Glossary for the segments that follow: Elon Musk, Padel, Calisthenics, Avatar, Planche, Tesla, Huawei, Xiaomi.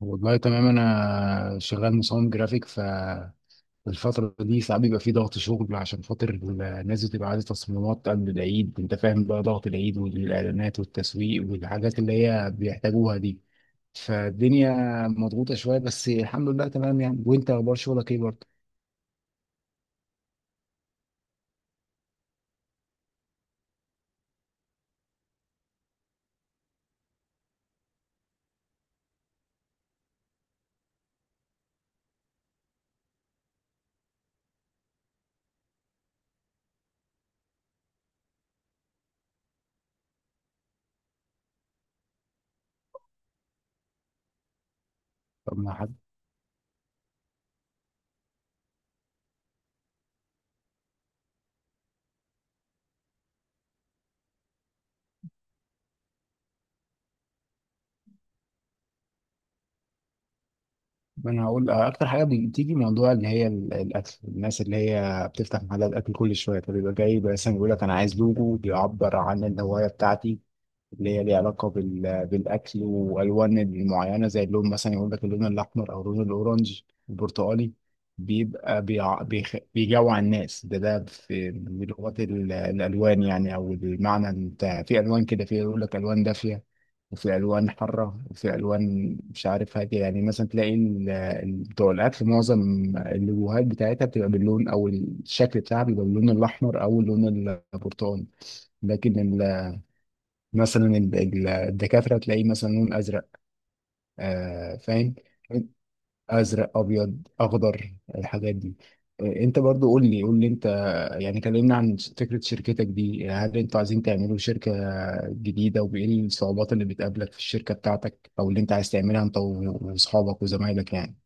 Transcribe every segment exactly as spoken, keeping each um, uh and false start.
والله تمام. انا شغال مصمم جرافيك ف الفترة دي ساعات بيبقى في ضغط شغل، عشان خاطر الناس بتبقى عايزة تصميمات قبل العيد. انت فاهم بقى ضغط العيد والإعلانات والتسويق والحاجات اللي هي بيحتاجوها دي. فالدنيا مضغوطة شوية، بس الحمد لله تمام يعني. وانت اخبار شغلك ايه برضه؟ طب ما حد. ما انا هقول اكتر حاجة بتيجي موضوع اللي هي ال- الاكل. الناس اللي هي بتفتح محلات اكل كل شوية فبيبقى جاي بس بيقول لك انا عايز لوجو بيعبر عن الهواية بتاعتي، اللي هي ليها علاقة بال... بالأكل وألوان المعينة. زي اللون مثلا يقول لك اللون الأحمر أو اللون الأورنج، البرتقالي، بيبقى بيع... بيخ... بيجوع الناس. ده ده في من لغات ال- الألوان يعني، أو المعنى بتاع في ألوان كده. في يقول لك ألوان دافية، وفي ألوان حارة، وفي ألوان مش عارف هادية. يعني مثلا تلاقي ال- ال- بتوع الأكل، معظم اللوهات بتاعتها بتبقى باللون، أو الشكل بتاعها بيبقى باللون الأحمر أو اللون البرتقالي. لكن مثلا ال- ال- الدكاترة تلاقيه مثلا لون أزرق. آه فاهم. أزرق أبيض أخضر الحاجات دي. آه أنت برضو قول لي قول لي أنت، يعني كلمنا عن فكرة شركتك دي. هل أنتوا عايزين تعملوا شركة جديدة، وإيه الصعوبات اللي بتقابلك في الشركة بتاعتك أو اللي أنت عايز تعملها أنت و- وأصحابك وزمايلك يعني.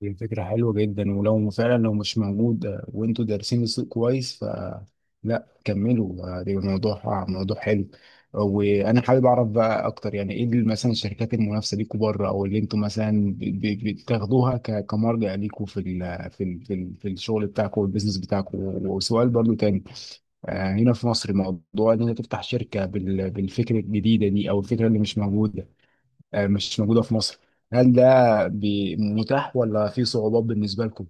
دي فكرة حلوة جدا، ولو فعلا لو مش موجود، آه، وانتوا دارسين السوق كويس، لا كملوا. آه، ده موضوع، آه، موضوع حلو. وانا حابب اعرف بقى اكتر، يعني ايه اللي مثلا الشركات المنافسه ليكوا بره، او اللي انتوا مثلا ب- ب- بتاخدوها ك- كمرجع ليكوا في ال في ال في, ال في الشغل بتاعكم والبيزنس بتاعكم. وسؤال برضو تاني، آه، هنا في مصر موضوع ان انت تفتح شركه بال- بالفكره الجديده دي او الفكره اللي مش موجوده، آه، مش موجوده في مصر، هل ده بي- متاح ولا في صعوبات بالنسبه لكم؟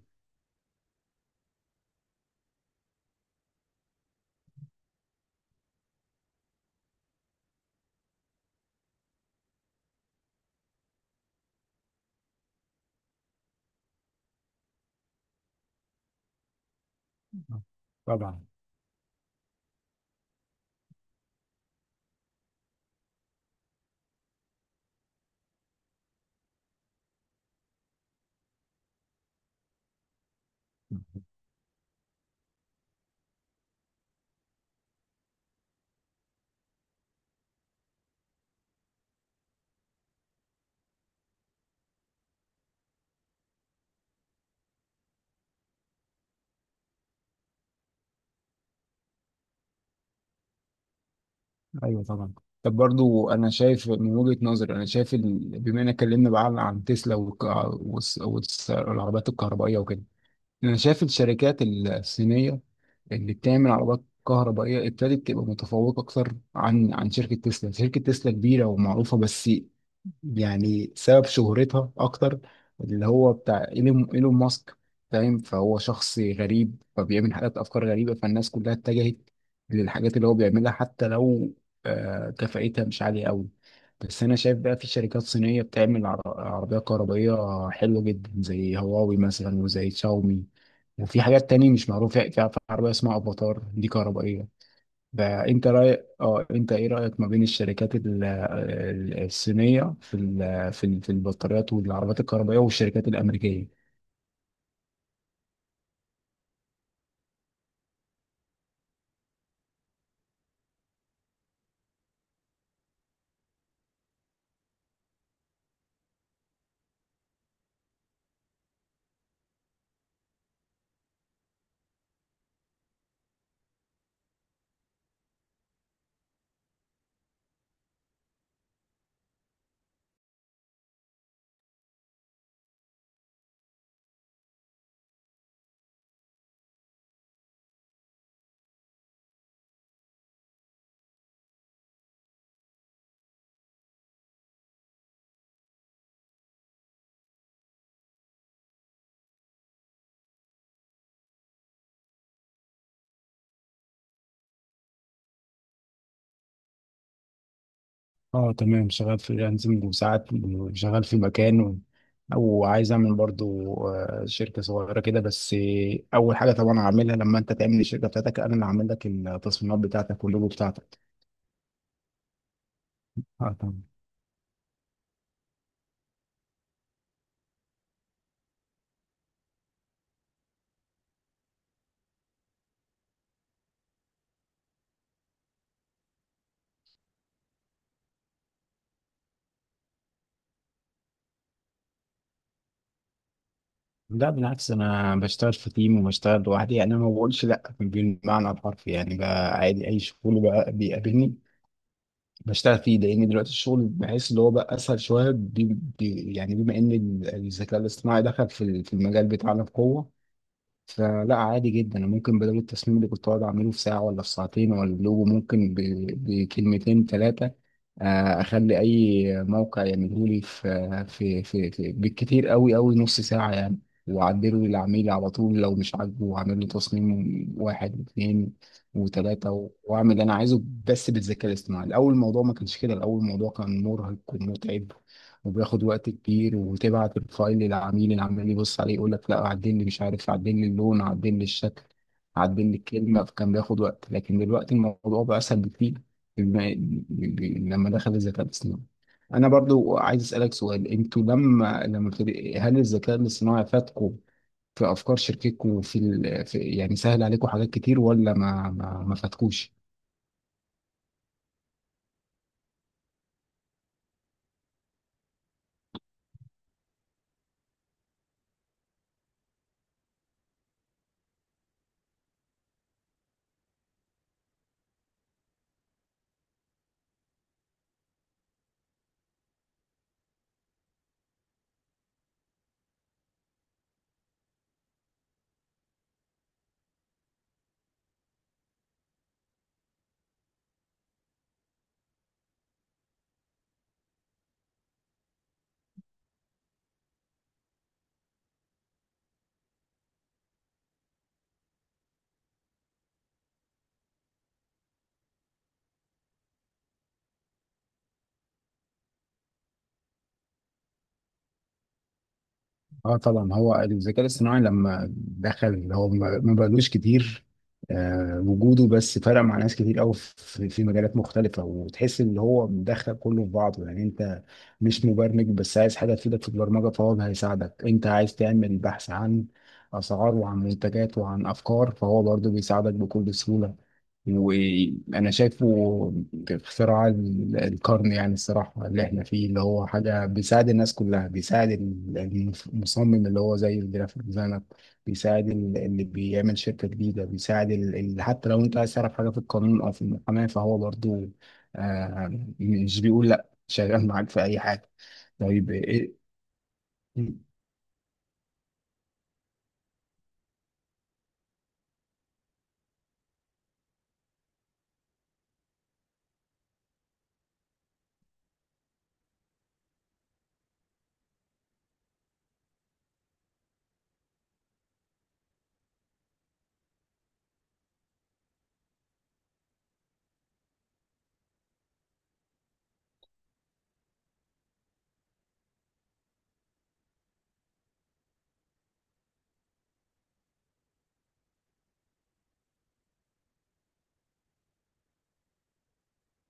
طبعا. ايوه طبعا. طب برضو انا شايف من وجهة نظري، انا شايف ال-، بما ان اتكلمنا بقى عن عن تسلا والك- والس- والس- والعربيات الكهربائيه وكده، انا شايف الشركات الصينيه اللي بتعمل عربيات كهربائيه ابتدت تبقى متفوقه اكتر عن عن شركه تسلا. شركه تسلا كبيره ومعروفه، بس يعني سبب شهرتها اكتر اللي هو بتاع ايلون إيلون ماسك، فاهم؟ فهو شخص غريب، فبيعمل حاجات افكار غريبه، فالناس كلها اتجهت للحاجات اللي هو بيعملها حتى لو آه، كفاءتها مش عاليه قوي. بس انا شايف بقى في شركات صينيه بتعمل عر- عربيات كهربائيه حلوه جدا، زي هواوي مثلا وزي شاومي. وفي حاجات تانية مش معروفة، في في عربية اسمها افاتار دي كهربائية. فانت رايك اه، انت ايه رايك ما بين الشركات ال- ال- الصينيه في ال- في ال- في البطاريات والعربيات الكهربائيه والشركات الامريكيه؟ اه تمام. شغال فريلانسنج، وساعات شغال في مكان، و... وعايز اعمل برضو آه، شركه صغيره كده بس. آه، اول حاجه طبعا هعملها لما انت تعمل الشركه بتاعتك، انا اللي هعمل لك التصميمات بتاعتك واللوجو بتاعتك. اه تمام. لا بالعكس، انا بشتغل في تيم وبشتغل لوحدي يعني. انا ما بقولش لا بالمعنى الحرفي يعني، بقى عادي اي شغل بقى بيقابلني بشتغل فيه، لان دلوقتي الشغل بحس اللي هو بقى اسهل شويه، بي بي يعني بما ان ال- الذكاء الاصطناعي دخل في ال- في المجال بتاعنا بقوه. فلا عادي جدا، أنا ممكن بدل التصميم اللي كنت اقعد اعمله في ساعه ولا في ساعتين، ولا اللوجو ممكن ب- بكلمتين ثلاثه اخلي اي موقع يعمله لي في في في, في بالكتير قوي قوي نص ساعه يعني. واعدله للعميل على طول لو مش عاجبه، واعمل له تصميم واحد واثنين وثلاثه، واعمل اللي انا عايزه. بس بالذكاء الاصطناعي، الاول الموضوع ما كانش كده، الاول الموضوع كان مرهق ومتعب وبياخد وقت كبير، وتبعت الفايل للعميل، العميل يبص عليه يقول لك لا عدل لي، مش عارف، عدل لي اللون، عدل لي الشكل، عدل لي الكلمة، فكان بياخد وقت. لكن دلوقتي الموضوع بقى أسهل بكتير بما- ب- ب- لما دخل الذكاء الاصطناعي. أنا برضو عايز أسألك سؤال، أنتوا لما لما ابتدي-، هل الذكاء الاصطناعي فاتكم في أفكار شركتكم وفي ال... في...، يعني سهل عليكم حاجات كتير، ولا ما ما, ما فاتكوش؟ اه طبعا، هو الذكاء الاصطناعي لما دخل هو ما ما بقالوش كتير، آه وجوده بس فرق مع ناس كتير قوي في، في مجالات مختلفة، وتحس ان هو مدخل كله في بعضه. يعني انت مش مبرمج، بس عايز حاجة تفيدك في البرمجة، فهو هيساعدك. انت عايز تعمل بحث عن اسعار وعن منتجات وعن افكار، فهو برضه بيساعدك بكل سهولة. وانا شايفه اختراع ال- القرن يعني الصراحه اللي احنا فيه، اللي هو حاجه بيساعد الناس كلها، بيساعد ال- المصمم اللي هو زي الجرافيك ديزاينر، بيساعد ال- اللي بيعمل شركه جديده، بيساعد ال- ال- حتى لو انت عايز تعرف حاجه في القانون او في المحاماه فهو برضو، آه مش بيقول لا، شغال معاك في اي حاجه. طيب إيه-.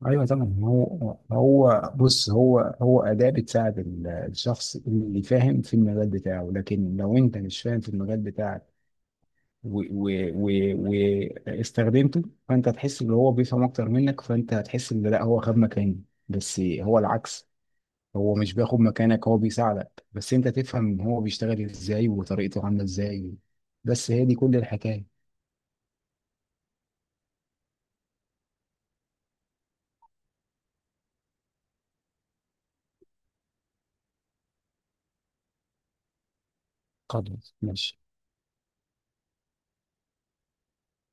ايوه طبعا، هو هو بص، هو هو اداه بتساعد ال- الشخص اللي فاهم في المجال بتاعه، لكن لو انت مش فاهم في المجال بتاعك واستخدمته، فانت هتحس ان هو بيفهم اكتر منك، فانت هتحس ان لا هو خد مكاني. بس هو العكس، هو مش بياخد مكانك، هو بيساعدك، بس انت تفهم هو بيشتغل ازاي وطريقته عامله ازاي. بس هي دي كل الحكايه. خلاص ماشي.